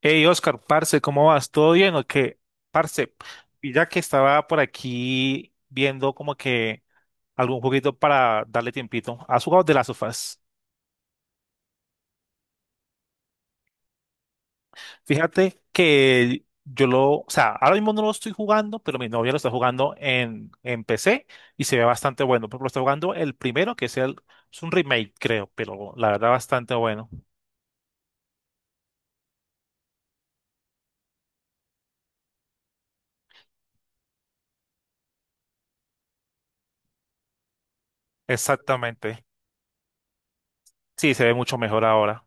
Hey, Oscar, parce, ¿cómo vas? ¿Todo bien o qué? Parce, y ya que estaba por aquí viendo como que algún juguito para darle tiempito, ¿has jugado de las sofás? Fíjate que yo lo, o sea, ahora mismo no lo estoy jugando, pero mi novia lo está jugando en PC y se ve bastante bueno. Pero lo está jugando el primero, es un remake, creo, pero la verdad bastante bueno. Exactamente. Sí, se ve mucho mejor ahora.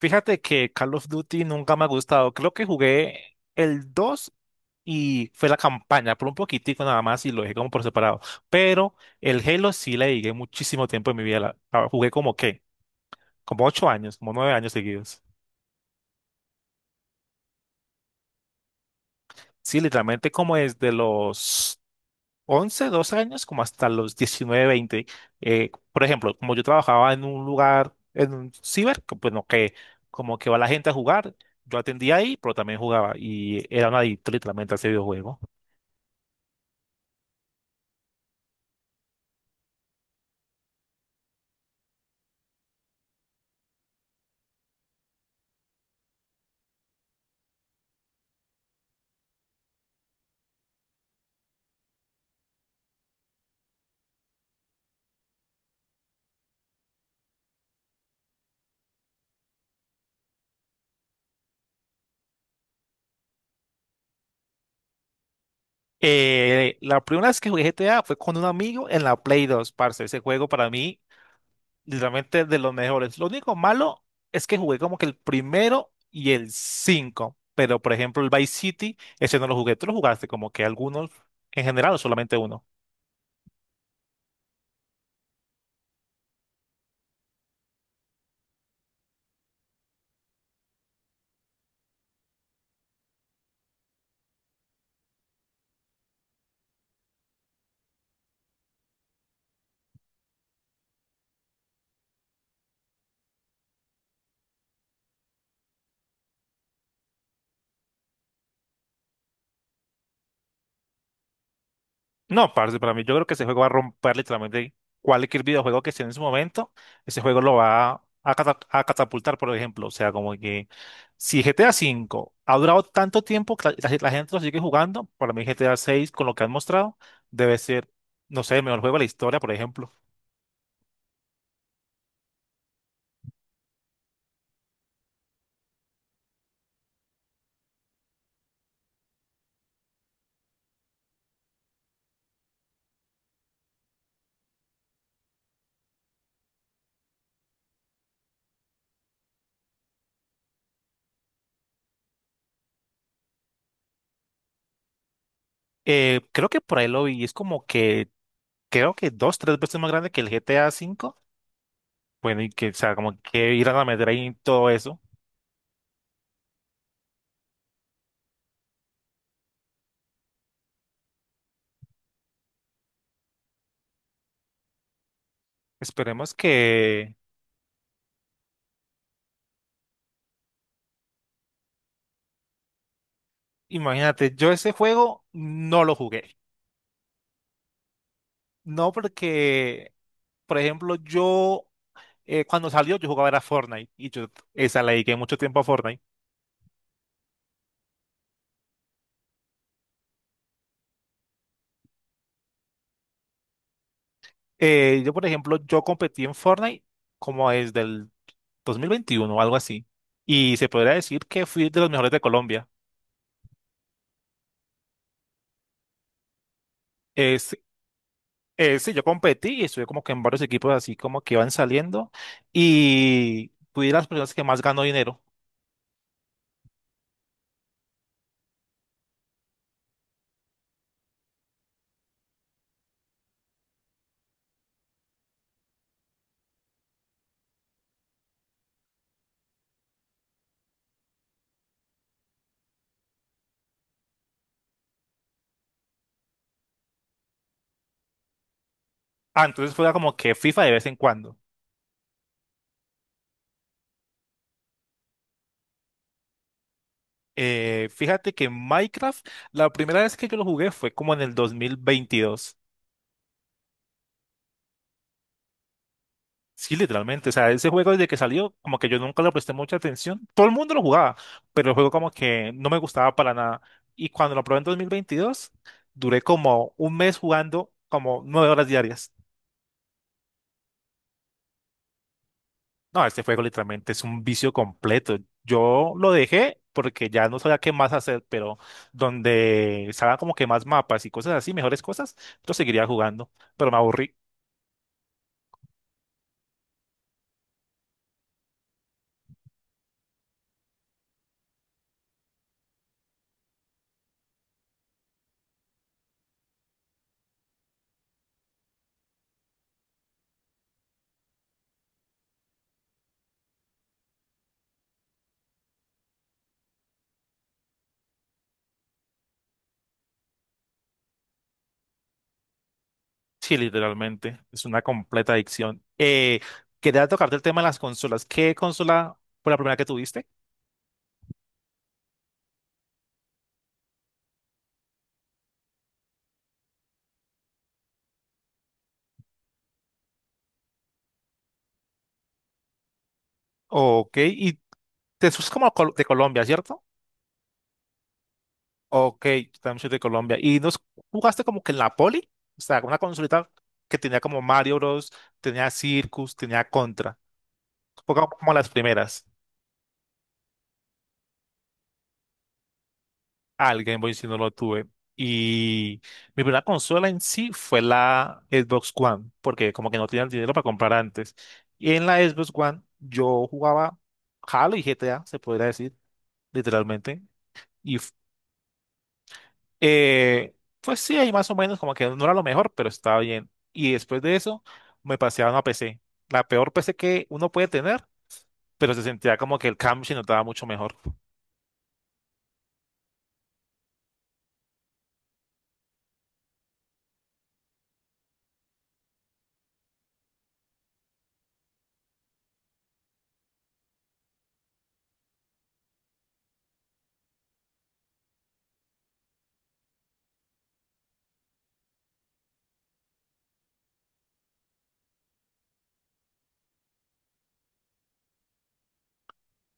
Fíjate que Call of Duty nunca me ha gustado. Creo que jugué el 2 y fue la campaña por un poquitico nada más y lo dejé como por separado. Pero el Halo sí le dediqué muchísimo tiempo en mi vida. La jugué como qué, como 8 años, como 9 años seguidos. Sí, literalmente como desde los 11 12 años, como hasta los 19 20. Por ejemplo, como yo trabajaba en un lugar, en un ciber, que, bueno, que como que va la gente a jugar, yo atendía ahí, pero también jugaba y era un adicto literalmente a ese videojuego. La primera vez que jugué GTA fue con un amigo en la Play dos, parce. Ese juego para mí, literalmente de los mejores. Lo único malo es que jugué como que el primero y el cinco, pero por ejemplo el Vice City, ese no lo jugué. ¿Tú lo jugaste como que algunos en general o solamente uno? No, parce, para mí yo creo que ese juego va a romper literalmente cualquier videojuego que esté en su momento. Ese juego lo va a, catapultar, por ejemplo. O sea, como que si GTA 5 ha durado tanto tiempo que la gente lo sigue jugando, para mí GTA VI, con lo que han mostrado, debe ser, no sé, el mejor juego de la historia, por ejemplo. Creo que por ahí lo vi, es como que, creo que dos, tres veces más grande que el GTA 5. Bueno, y que, o sea, como que irán a meter ahí todo eso. Esperemos que... Imagínate, yo ese juego no lo jugué. No porque, por ejemplo, yo cuando salió yo jugaba era Fortnite y yo esa le dediqué mucho tiempo a Fortnite. Por ejemplo, yo competí en Fortnite como desde el 2021 o algo así. Y se podría decir que fui de los mejores de Colombia. Es, sí, yo competí y estuve como que en varios equipos así como que iban saliendo y fui de las personas que más ganó dinero. Ah, entonces fuera como que FIFA de vez en cuando. Fíjate que Minecraft, la primera vez que yo lo jugué fue como en el 2022. Sí, literalmente. O sea, ese juego desde que salió, como que yo nunca le presté mucha atención. Todo el mundo lo jugaba, pero el juego como que no me gustaba para nada. Y cuando lo probé en 2022, duré como un mes jugando como 9 horas diarias. No, este juego literalmente es un vicio completo. Yo lo dejé porque ya no sabía qué más hacer, pero donde salgan como que más mapas y cosas así, mejores cosas, yo seguiría jugando, pero me aburrí. Sí, literalmente. Es una completa adicción. Quería tocarte el tema de las consolas. ¿Qué consola fue la primera que tuviste? Ok, y te sos de Colombia, ¿cierto? Ok, yo también soy de Colombia. ¿Y nos jugaste como que en la poli? O sea, una consolita que tenía como Mario Bros, tenía Circus, tenía Contra. Fue como como las primeras. Al Game Boy si no lo tuve. Y mi primera consola en sí fue la Xbox One, porque como que no tenía el dinero para comprar antes. Y en la Xbox One yo jugaba Halo y GTA, se podría decir, literalmente. Y f- eh, pues sí, ahí más o menos como que no era lo mejor, pero estaba bien. Y después de eso me pasé a una PC, la peor PC que uno puede tener, pero se sentía como que el cambio se notaba mucho mejor.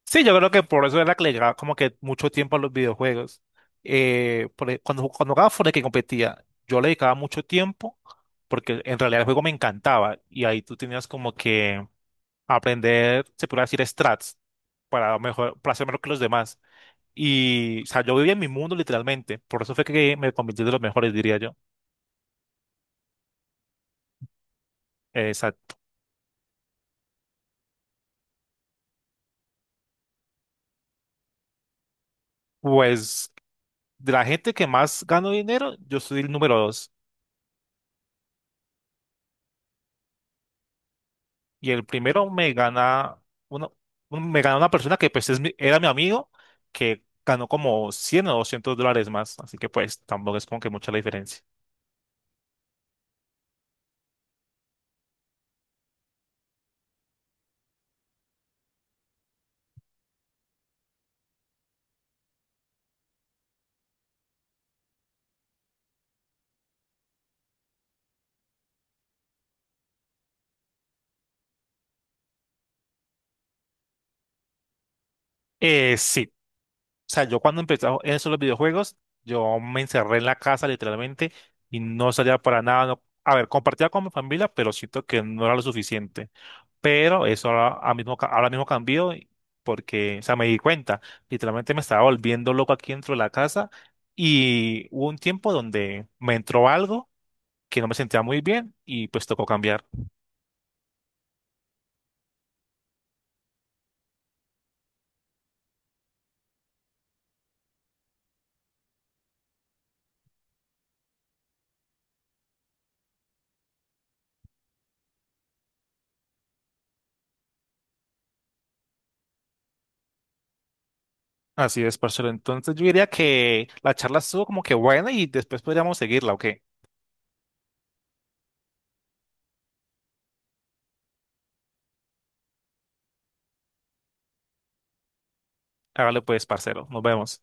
Sí, yo creo que por eso era que le llegaba como que mucho tiempo a los videojuegos. Cuando, cuando jugaba Fortnite que competía, yo le dedicaba mucho tiempo porque en realidad el juego me encantaba y ahí tú tenías como que aprender, se puede decir, strats para, mejor, para ser mejor que los demás. Y, o sea, yo vivía en mi mundo literalmente, por eso fue que me convertí de los mejores, diría yo. Exacto. Pues de la gente que más gano dinero, yo soy el número dos. Y el primero me gana uno, me gana una persona que pues era mi amigo, que ganó como $100 o $200 más, así que pues tampoco es como que mucha la diferencia. Sí, o sea, yo cuando empecé en esos los videojuegos, yo me encerré en la casa literalmente y no salía para nada, no, a ver, compartía con mi familia, pero siento que no era lo suficiente. Pero eso ahora, ahora mismo cambió y porque, o sea, me di cuenta, literalmente me estaba volviendo loco aquí dentro de la casa y hubo un tiempo donde me entró algo que no me sentía muy bien y pues tocó cambiar. Así es, parcero. Entonces yo diría que la charla estuvo como que buena y después podríamos seguirla, ¿ok? Hágale pues, parcero. Nos vemos.